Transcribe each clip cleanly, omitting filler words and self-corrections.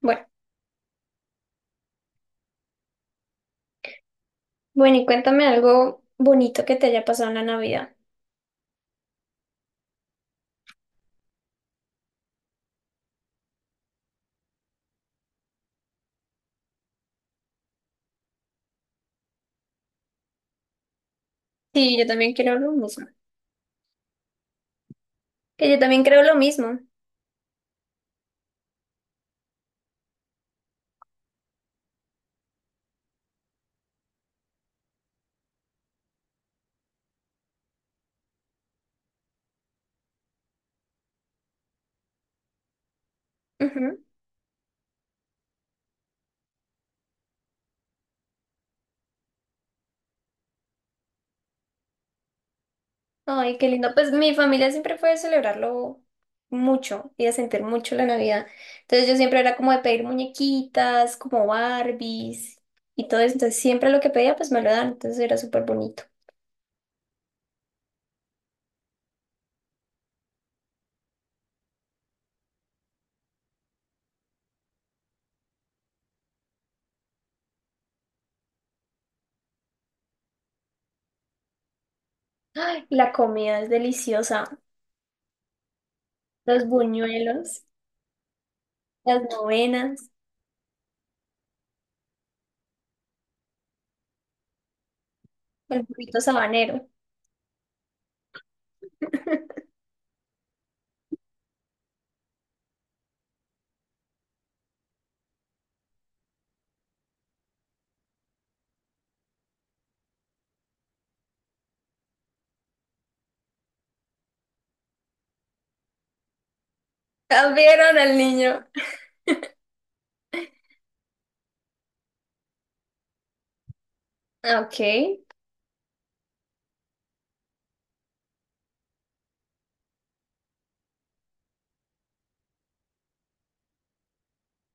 Bueno, bueno, y cuéntame algo bonito que te haya pasado en la Navidad. Sí, yo también creo lo mismo. Que yo también creo lo mismo. Ujú. Ay, qué lindo. Pues mi familia siempre fue de celebrarlo mucho y de sentir mucho la Navidad. Entonces yo siempre era como de pedir muñequitas, como Barbies y todo eso. Entonces siempre lo que pedía, pues me lo dan. Entonces era súper bonito. Ay, la comida es deliciosa. Los buñuelos, las novenas, el burrito sabanero. Cambiaron al niño. Ah, ok.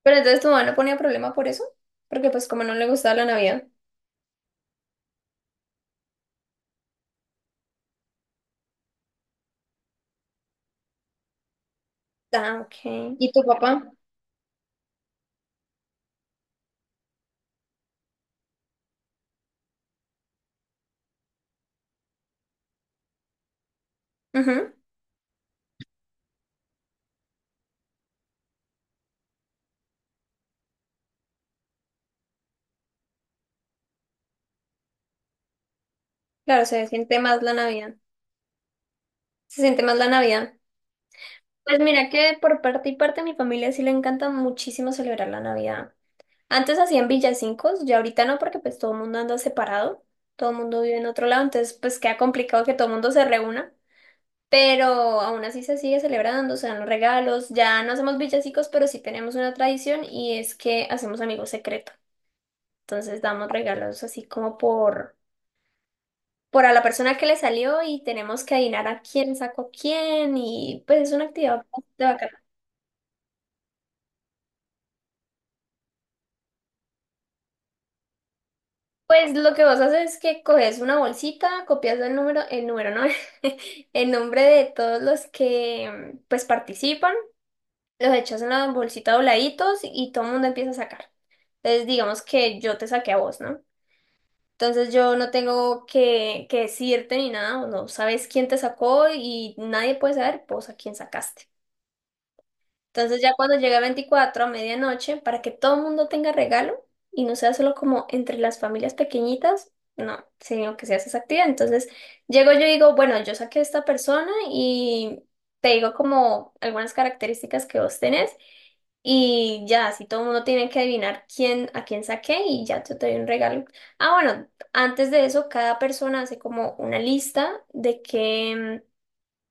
Pero entonces tu mamá no ponía problema por eso, porque pues como no le gustaba la Navidad. Ah, ok. ¿Y tu papá? Ujú. Claro, se siente más la Navidad. Se siente más la Navidad. Pues mira que por parte y parte de mi familia sí le encanta muchísimo celebrar la Navidad. Antes hacían villancicos, ya ahorita no, porque pues todo el mundo anda separado, todo el mundo vive en otro lado, entonces pues queda complicado que todo el mundo se reúna. Pero aún así se sigue celebrando, se dan los regalos, ya no hacemos villancicos, pero sí tenemos una tradición y es que hacemos amigos secretos. Entonces damos regalos así como por a la persona que le salió y tenemos que adivinar a quién sacó quién y pues es una actividad bastante bacana. Pues lo que vos haces es que coges una bolsita, copias el número, ¿no? El nombre de todos los que pues participan, los echas en la bolsita dobladitos y todo el mundo empieza a sacar. Entonces digamos que yo te saqué a vos, ¿no? Entonces yo no tengo que decirte ni nada, no sabes quién te sacó y nadie puede saber vos a quién sacaste. Entonces ya cuando llega 24 a medianoche, para que todo el mundo tenga regalo y no sea solo como entre las familias pequeñitas, no, sino que sea esa actividad. Entonces llego yo y digo, bueno, yo saqué a esta persona y te digo como algunas características que vos tenés y ya, así todo el mundo tiene que adivinar quién, a quién saqué y ya yo te doy un regalo. Ah, bueno, antes de eso, cada persona hace como una lista de qué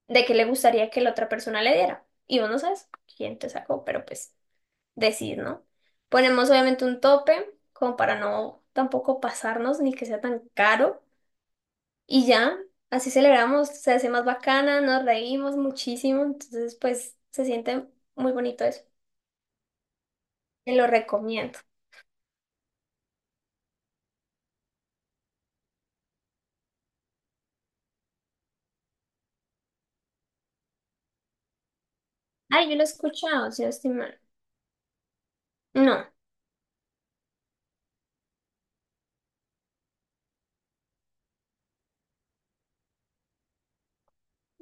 le gustaría que la otra persona le diera. Y vos no sabes quién te sacó, pero pues decís, ¿no? Ponemos obviamente un tope, como para no tampoco pasarnos ni que sea tan caro. Y ya, así celebramos, se hace más bacana, nos reímos muchísimo, entonces pues se siente muy bonito eso. Te lo recomiendo. Ay, yo lo he escuchado, si no estoy mal. No.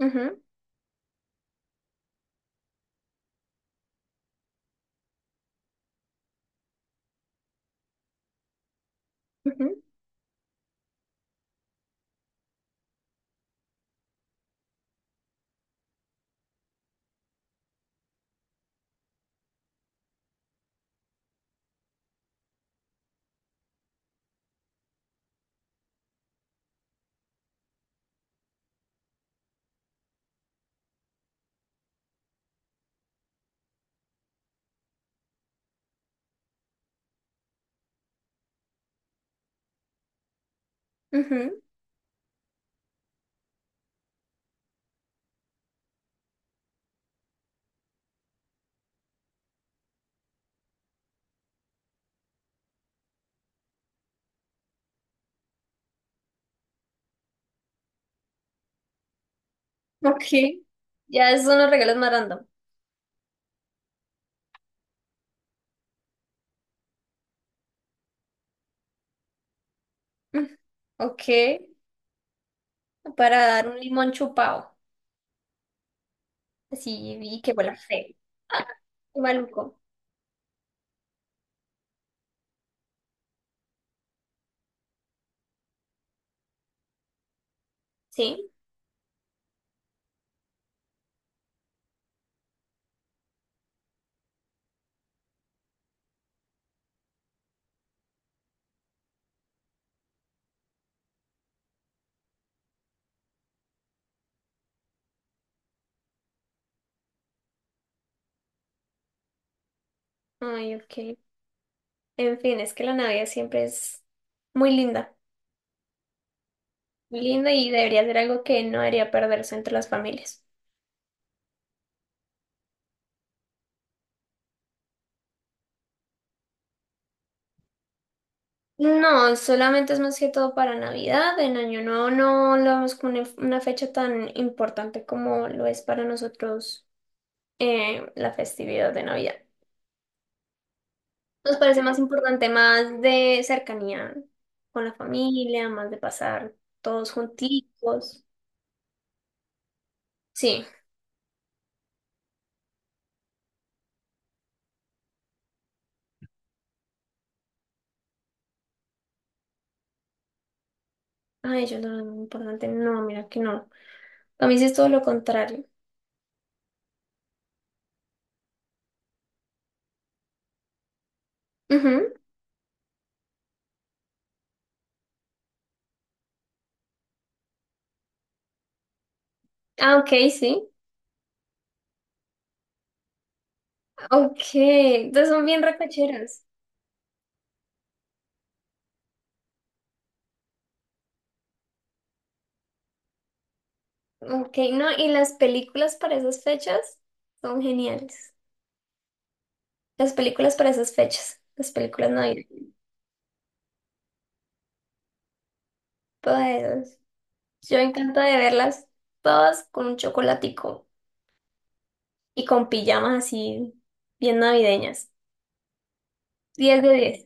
Ujú, ujú, ujú. Ok. Ya esos son los regalos más random. Mm, ok. Para dar un limón chupado. Sí, vi que huele feo. Ah, maluco. Sí. Ay, ok. En fin, es que la Navidad siempre es muy linda. Muy linda y debería ser algo que no debería perderse entre las familias. No, solamente es más que todo para Navidad. En Año Nuevo no lo vemos como una fecha tan importante como lo es para nosotros, la festividad de Navidad. Nos parece más importante, más de cercanía con la familia, más de pasar todos juntitos. Sí. Ay, yo no, no, importante. No, mira que no. A mí sí es todo lo contrario. Ujú. Ah, ok, sí. Ok. Entonces son bien recocheros. Ok, no, y las películas para esas fechas son geniales. Las películas para esas fechas. Las películas navideñas. Todas esas. Yo me encanta de verlas todas con un chocolatico y con pijamas así bien navideñas. 10 de 10.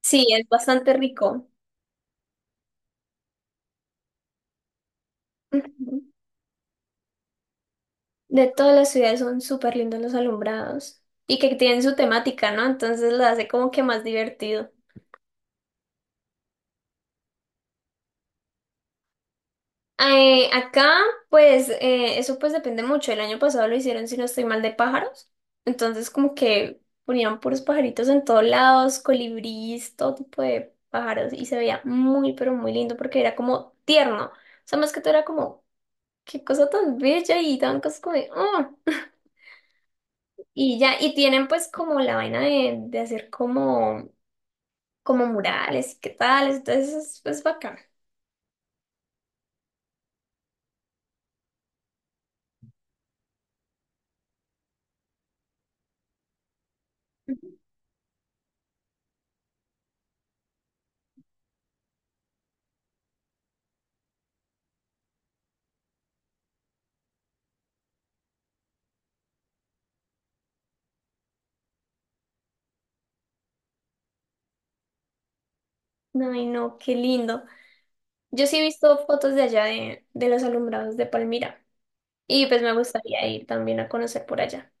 Sí, es bastante rico. De todas las ciudades son súper lindos los alumbrados y que tienen su temática, ¿no? Entonces lo hace como que más divertido. Acá, eso pues depende mucho. El año pasado lo hicieron, si no estoy mal, de pájaros. Entonces como que ponían puros pajaritos en todos lados, colibríes, todo tipo de pájaros y se veía muy, pero muy lindo porque era como tierno. O sea, más que todo era como, qué cosa tan bella y tan cosas como de, "Oh". Y ya, y tienen pues como la vaina de hacer como como murales y qué tal, entonces es bacán. Ay, no, qué lindo. Yo sí he visto fotos de allá de los alumbrados de Palmira y pues me gustaría ir también a conocer por allá.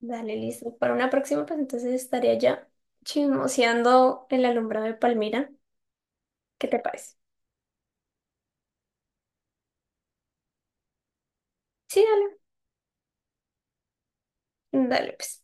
Dale, listo. Para una próxima, pues entonces estaré allá chismoseando el alumbrado de Palmira. ¿Qué te parece? Sí, dale. Dale, pues.